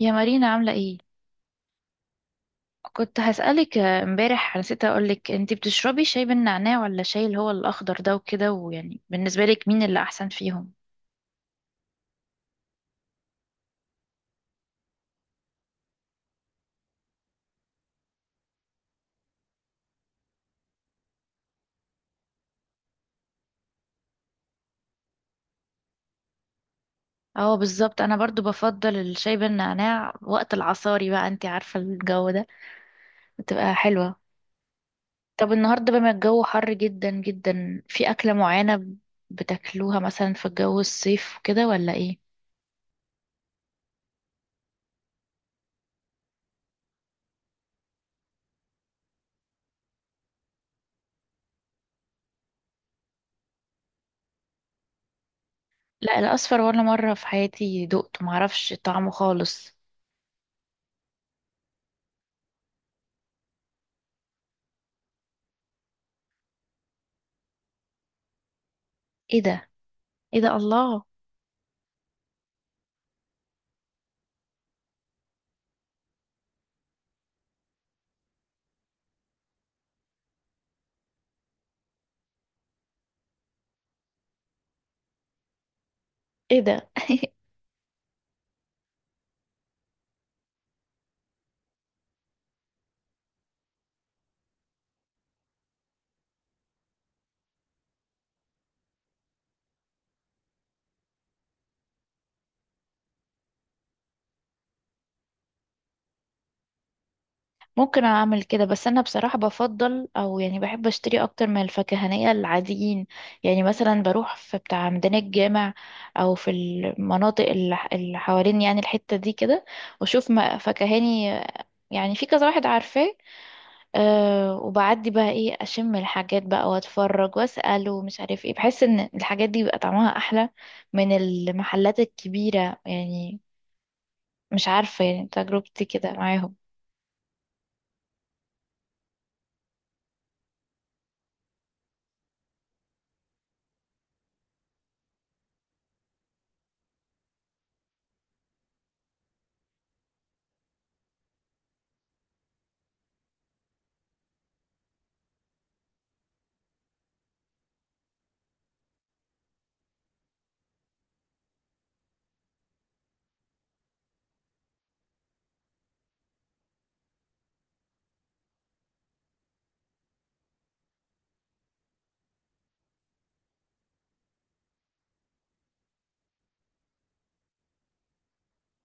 يا مارينا عاملة ايه؟ كنت هسألك امبارح نسيت اقولك انتي بتشربي شاي بالنعناع ولا شاي اللي هو الأخضر ده وكده ويعني بالنسبة لك مين اللي أحسن فيهم؟ اه بالظبط انا برضو بفضل الشاي بالنعناع وقت العصاري بقى، انتي عارفة الجو ده بتبقى حلوة. طب النهاردة بما الجو حر جدا جدا، في أكلة معينة بتاكلوها مثلا في الجو الصيف وكده ولا ايه؟ لا، الأصفر ولا مرة في حياتي دقته، معرفش طعمه خالص. ايه ده؟ ايه ده الله؟ ايه ده؟ ممكن اعمل كده، بس انا بصراحة بفضل او يعني بحب اشتري اكتر من الفكهانية العاديين. يعني مثلا بروح في بتاع ميدان الجامع او في المناطق اللي اللي حوالين يعني الحتة دي كده، واشوف فكهاني، يعني في كذا واحد عارفاه. أه وبعدي بقى ايه، اشم الحاجات بقى واتفرج واسأل ومش عارف ايه، بحس ان الحاجات دي بيبقى طعمها احلى من المحلات الكبيرة. يعني مش عارفة، يعني تجربتي كده معاهم.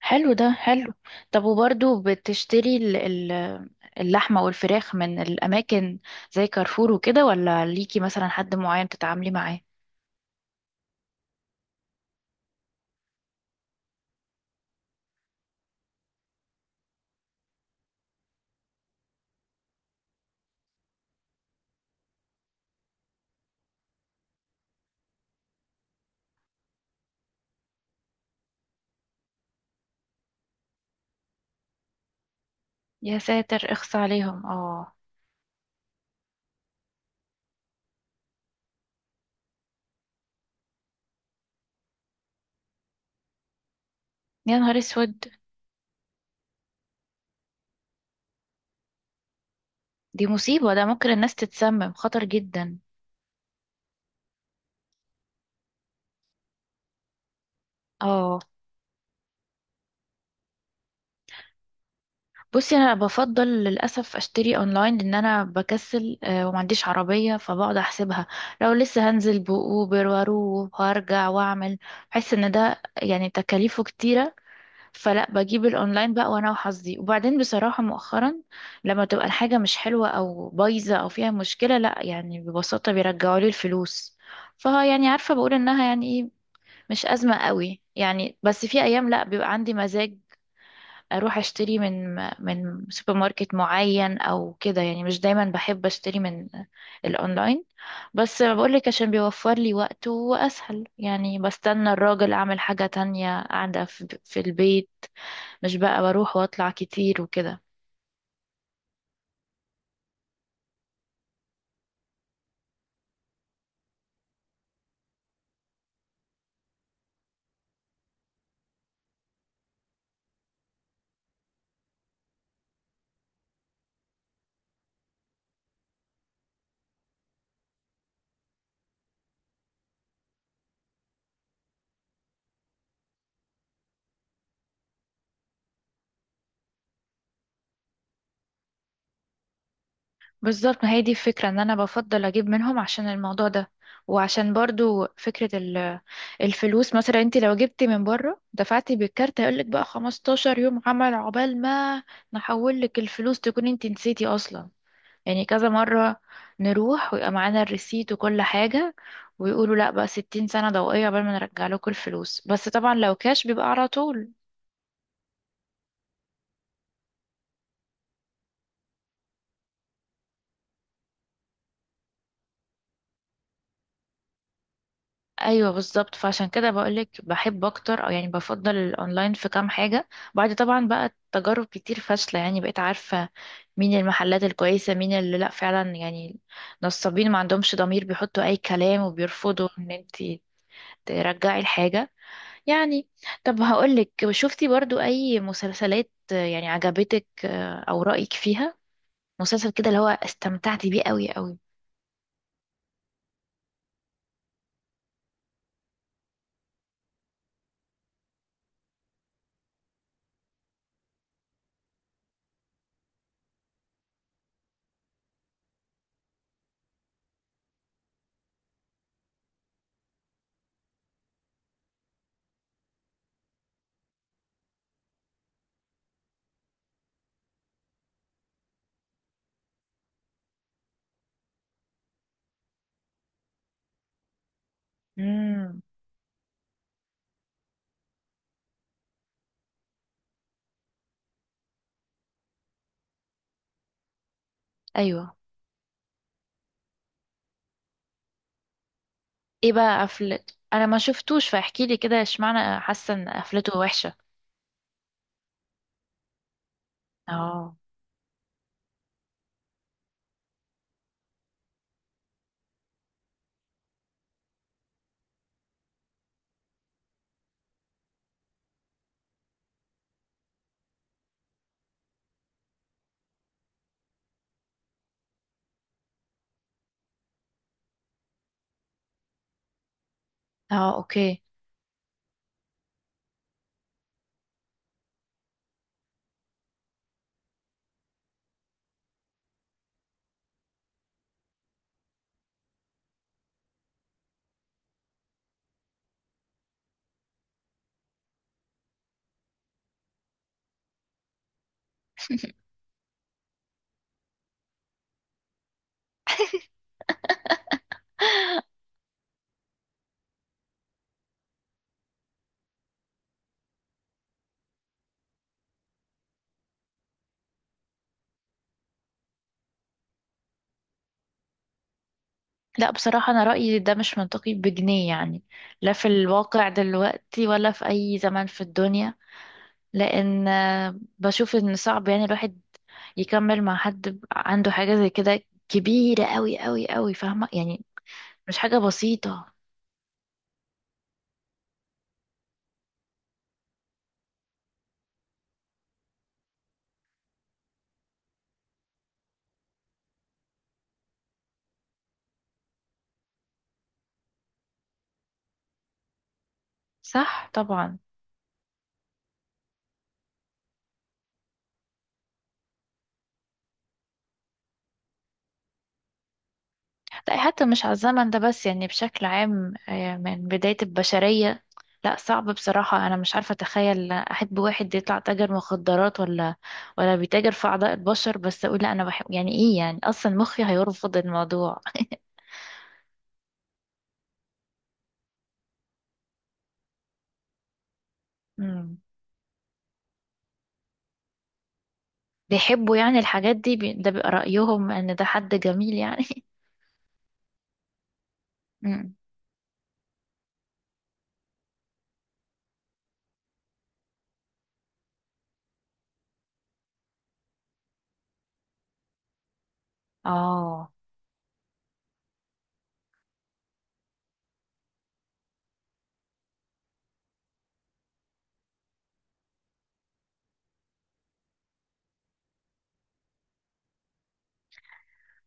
حلو ده، حلو. طب وبرضو بتشتري اللحمة والفراخ من الأماكن زي كارفور وكده، ولا ليكي مثلا حد معين تتعاملي معاه؟ يا ساتر، اخص عليهم. اه. يا نهار اسود، دي مصيبة، ده ممكن الناس تتسمم، خطر جدا. اه. بصي انا بفضل للاسف اشتري اونلاين، لان انا بكسل وما عنديش عربيه، فبقعد احسبها لو لسه هنزل باوبر واروح وارجع واعمل، بحس ان ده يعني تكاليفه كتيره. فلا، بجيب الاونلاين بقى وانا وحظي. وبعدين بصراحة مؤخرا لما تبقى الحاجة مش حلوة او بايظة او فيها مشكلة، لا يعني ببساطة بيرجعوا لي الفلوس. فها يعني عارفة، بقول انها يعني ايه، مش ازمة قوي يعني. بس في ايام لا بيبقى عندي مزاج اروح اشتري من سوبر ماركت معين او كده. يعني مش دايما بحب اشتري من الاونلاين، بس بقولك عشان بيوفر لي وقت واسهل، يعني بستنى الراجل اعمل حاجة تانية قاعدة في البيت، مش بقى بروح واطلع كتير وكده. بالظبط، ما هي دي الفكرة، ان انا بفضل اجيب منهم عشان الموضوع ده، وعشان برضو فكرة الفلوس. مثلا انت لو جبتي من بره دفعتي بالكارت، هيقولك بقى 15 يوم عمل عقبال ما نحول لك الفلوس، تكون انت نسيتي اصلا. يعني كذا مرة نروح ويبقى معانا الريسيت وكل حاجة، ويقولوا لا بقى 60 سنة ضوئية عقبال ما نرجع لكم الفلوس. بس طبعا لو كاش بيبقى على طول. ايوه بالظبط، فعشان كده بقولك بحب اكتر او يعني بفضل الاونلاين في كام حاجه، بعد طبعا بقى تجارب كتير فاشله يعني، بقيت عارفه مين المحلات الكويسه، مين اللي لا فعلا يعني نصابين ما عندهمش ضمير، بيحطوا اي كلام وبيرفضوا ان انت ترجعي الحاجه. يعني طب هقولك، شفتي برضو اي مسلسلات يعني عجبتك او رايك فيها؟ مسلسل كده اللي هو استمتعتي بيه قوي قوي؟ امم ايوه. ايه بقى قفلت؟ انا ما شفتوش، فاحكي لي كده اشمعنى حاسه ان قفلته وحشه. اه. اه اوكي. لا بصراحه انا رايي ده مش منطقي بجنيه يعني. لا في الواقع دلوقتي ولا في اي زمان في الدنيا. لان بشوف ان صعب يعني الواحد يكمل مع حد عنده حاجه زي كده كبيره قوي قوي قوي، فاهمه يعني؟ مش حاجه بسيطه. صح طبعا. لا حتى مش على الزمن ده بس، يعني بشكل عام من بداية البشرية. لا صعب بصراحة، أنا مش عارفة أتخيل أحب واحد يطلع تاجر مخدرات ولا ولا بيتاجر في أعضاء البشر بس أقول لا أنا بحب، يعني إيه يعني؟ أصلا مخي هيرفض الموضوع. مم. بيحبوا يعني الحاجات دي، ده بيبقى رأيهم إن ده حد جميل يعني. مم. آه.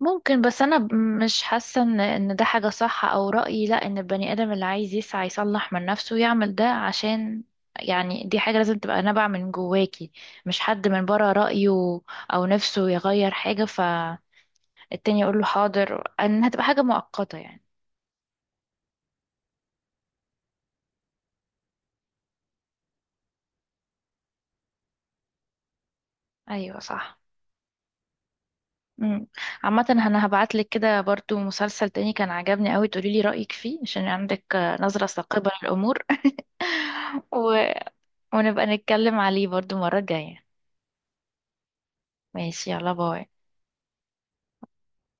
ممكن، بس انا مش حاسه ان ان ده حاجه صح. او رايي لا، ان البني ادم اللي عايز يسعى يصلح من نفسه يعمل ده عشان، يعني دي حاجه لازم تبقى نابعه من جواكي، مش حد من بره رايه او نفسه يغير حاجه فالتاني يقول له حاضر، ان هتبقى حاجه مؤقته يعني. ايوه صح. امم. عامه انا هبعت لك كده برضو مسلسل تاني كان عجبني قوي، تقولي لي رايك فيه عشان عندك نظره ثاقبه للامور. و... ونبقى نتكلم عليه برضو مره جايه. ماشي، يلا باي.